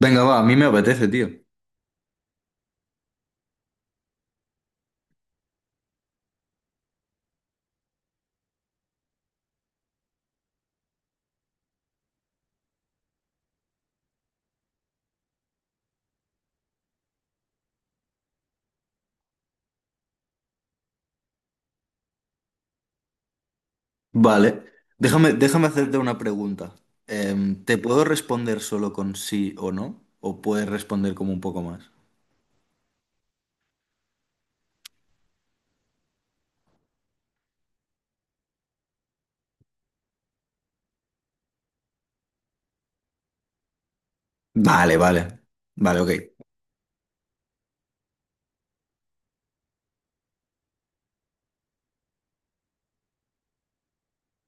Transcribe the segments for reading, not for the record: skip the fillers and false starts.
Venga, va, a mí me apetece, tío. Vale. Déjame hacerte una pregunta. ¿Te puedo responder solo con sí o no? ¿O puedes responder como un poco más? Vale, vale. Vale, ok.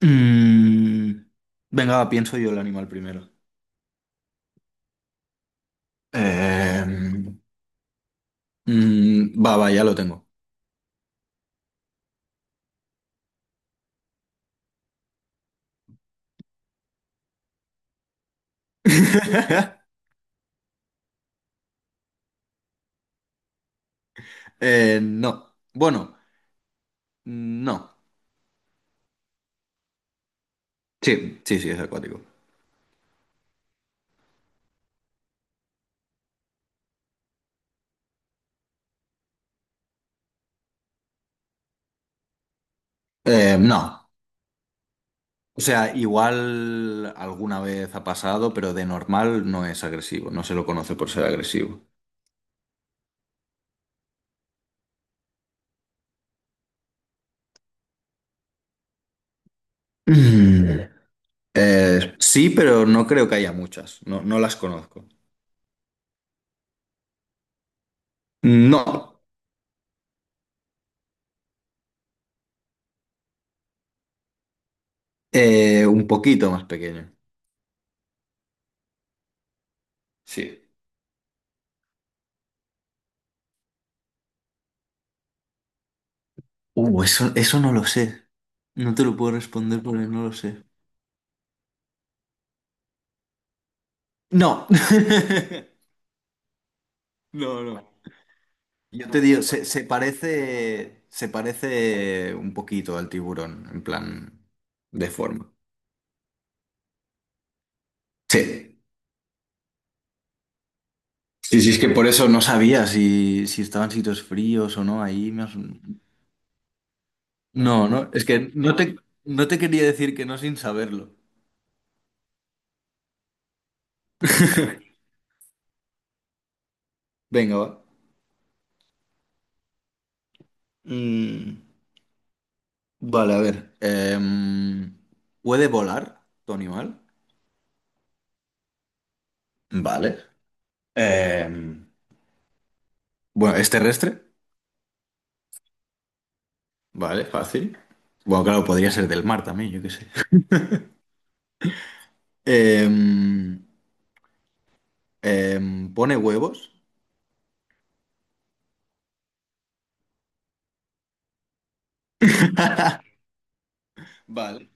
Mm, Venga, va, pienso yo el animal primero. Em, Va, va, ya lo tengo. No. Bueno, no. Sí, sí, sí, es acuático. No. O sea, igual alguna vez ha pasado, pero de normal no es agresivo, no se lo conoce por ser agresivo. Mm, sí, pero no creo que haya muchas, no, no las conozco. No, un poquito más pequeño. Sí. Eso, eso no lo sé. No te lo puedo responder porque no lo sé. No. No, no. Yo te digo, se parece, se parece un poquito al tiburón, en plan de forma. Sí. Sí, sí, es que por eso no sabía si, si estaban sitios fríos o no. Ahí me has- No, no, es que no te, no te quería decir que no sin saberlo. Venga, va. Mm, vale, a ver. ¿Puede volar tu animal? Vale. Em, bueno, ¿es terrestre? Vale, fácil. Bueno, claro, podría ser del mar también, yo qué sé. Em, ¿Pone huevos? Vale.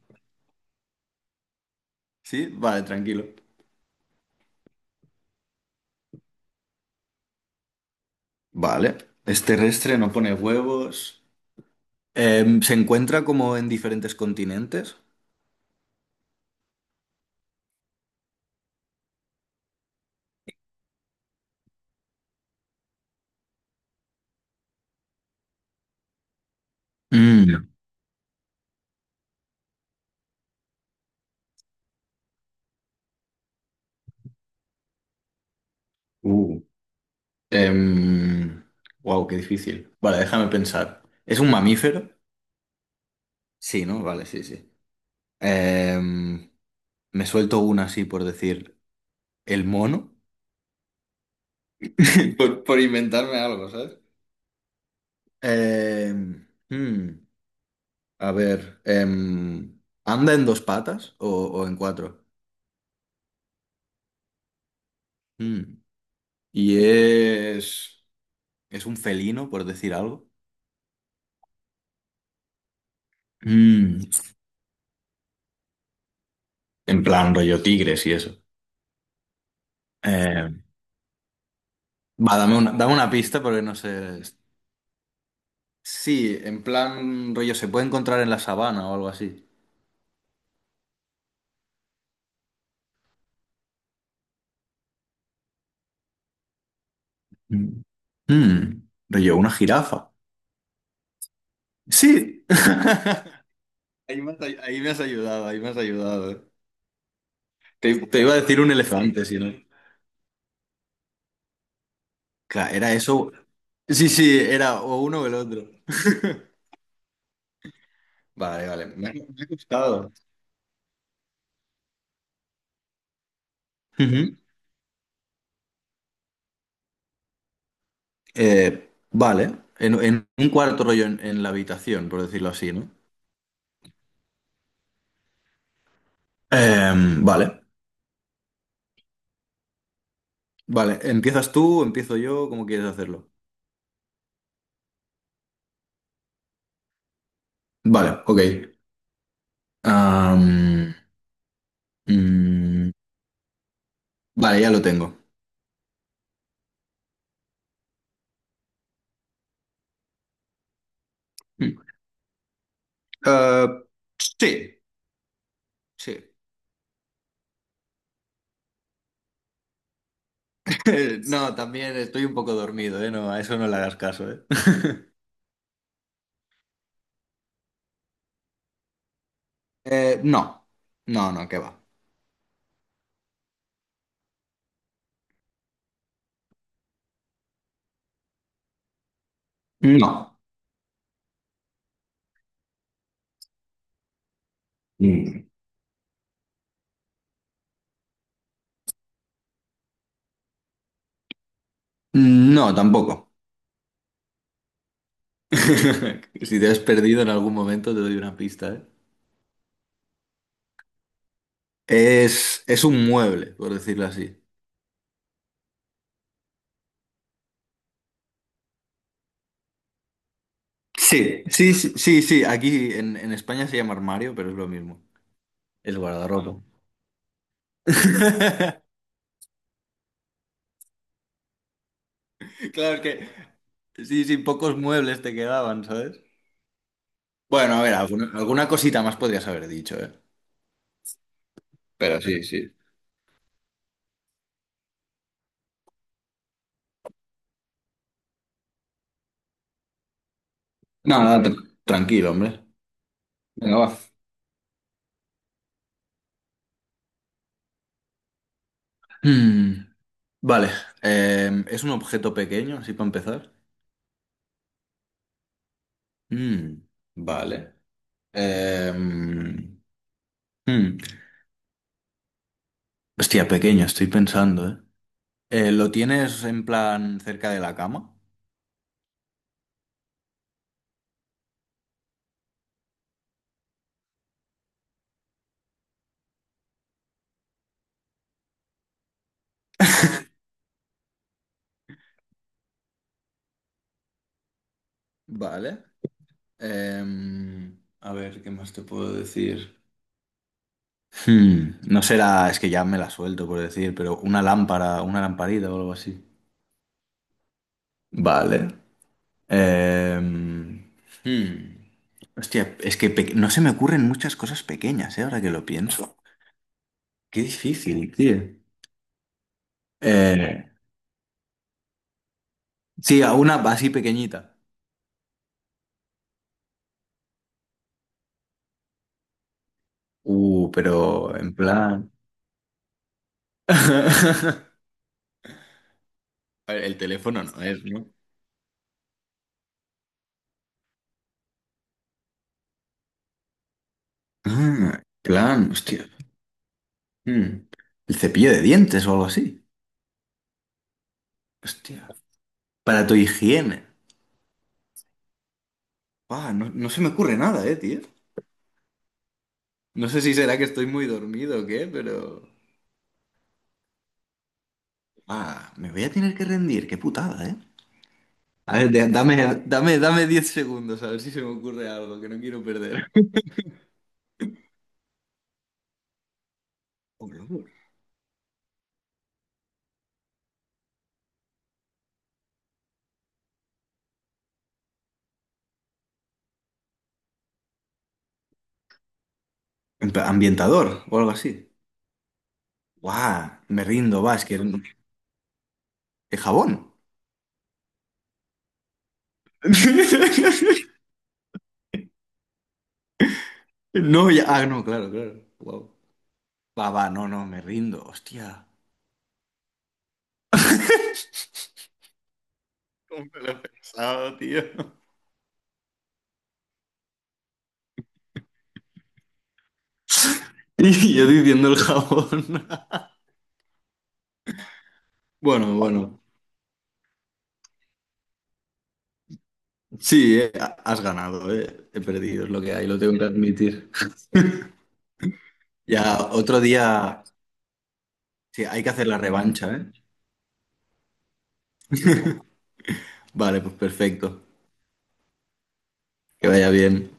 Sí, vale, tranquilo. Vale. Es terrestre, no pone huevos. ¿Se encuentra como en diferentes continentes? Mm. Uh. Wow, qué difícil. Vale, déjame pensar. ¿Es un mamífero? Sí, ¿no? Vale, sí, sí. Em, Me suelto una así por decir el mono. Por inventarme algo, ¿sabes? Em, hmm, a ver. ¿Anda en dos patas o en cuatro? Hmm. Y es. ¿Es un felino, por decir algo? Mm, en plan rollo tigres y eso. Eh, va, dame una pista porque no sé. Sí, en plan rollo, se puede encontrar en la sabana o algo así. Mm. Mm, rollo, una jirafa. Sí. Ahí me has, ay- ahí me has ayudado, ahí me has ayudado. Eh. Te iba a decir un elefante, si no. Claro, era eso. Sí, sí, era o uno o el otro. Vale, vale. Me ha costado. Vale, en un cuarto rollo en la habitación, por decirlo así, ¿no? Em, vale, vale. ¿Empiezas tú? ¿Empiezo yo? ¿Cómo quieres hacerlo? Vale, ok. Am, mm, vale, ya lo tengo. Mm. Ah, sí, sí. No, también estoy un poco dormido, ¿eh? No, a eso no le hagas caso, ¿eh? No, no, no, ¿qué va? No. Mm. No, tampoco. Si te has perdido en algún momento, te doy una pista, ¿eh? Es un mueble, por decirlo así. Sí, sí, sí, sí, sí. Aquí en España se llama armario, pero es lo mismo. Es guardarropa. Claro, es que sí, sí, pocos muebles te quedaban, ¿sabes? Bueno, a ver, alguna cosita más podrías haber dicho, ¿eh? Pero sí, sí. No, no, tr- tranquilo, hombre. Venga, va. Mm, vale. ¿Es un objeto pequeño, así para empezar? Mm, vale. Em, mm, Hostia, pequeño, estoy pensando, ¿eh? ¿Lo tienes en plan cerca de la cama? Vale. A ver, ¿qué más te puedo decir? Hmm, no será, es que ya me la suelto por decir, pero una lámpara, una lamparita o algo así. Vale. Em, hmm. Hostia, es que pe- no se me ocurren muchas cosas pequeñas, ¿eh? Ahora que lo pienso. Qué difícil, tío. Eh, sí, a una así pequeñita. Pero en plan... A ver, el teléfono no es, ¿no? Ah, plan, hostia. Mm. El cepillo de dientes o algo así. Hostia. Para tu higiene. Ah, no, no se me ocurre nada, tío. No sé si será que estoy muy dormido o qué, pero... Ah, me voy a tener que rendir, qué putada, eh. A ver, de- dame, dame 10 segundos a ver si se me ocurre algo que no quiero perder. Hombre, hombre. En plan, ambientador o algo así. Guau, me rindo, va, es que... ¿El jabón? No, ya... Ah, no, claro, claro. Claro. Guau. Va, va, no, no, me rindo, hostia. ¿Cómo me lo he pensado, tío? Y yo diciendo el jabón. Bueno, bueno. Sí, has ganado, eh. He perdido, es lo que hay, lo tengo que admitir. Ya, otro día. Sí, hay que hacer la revancha, ¿eh? Vale, pues perfecto. Que vaya bien.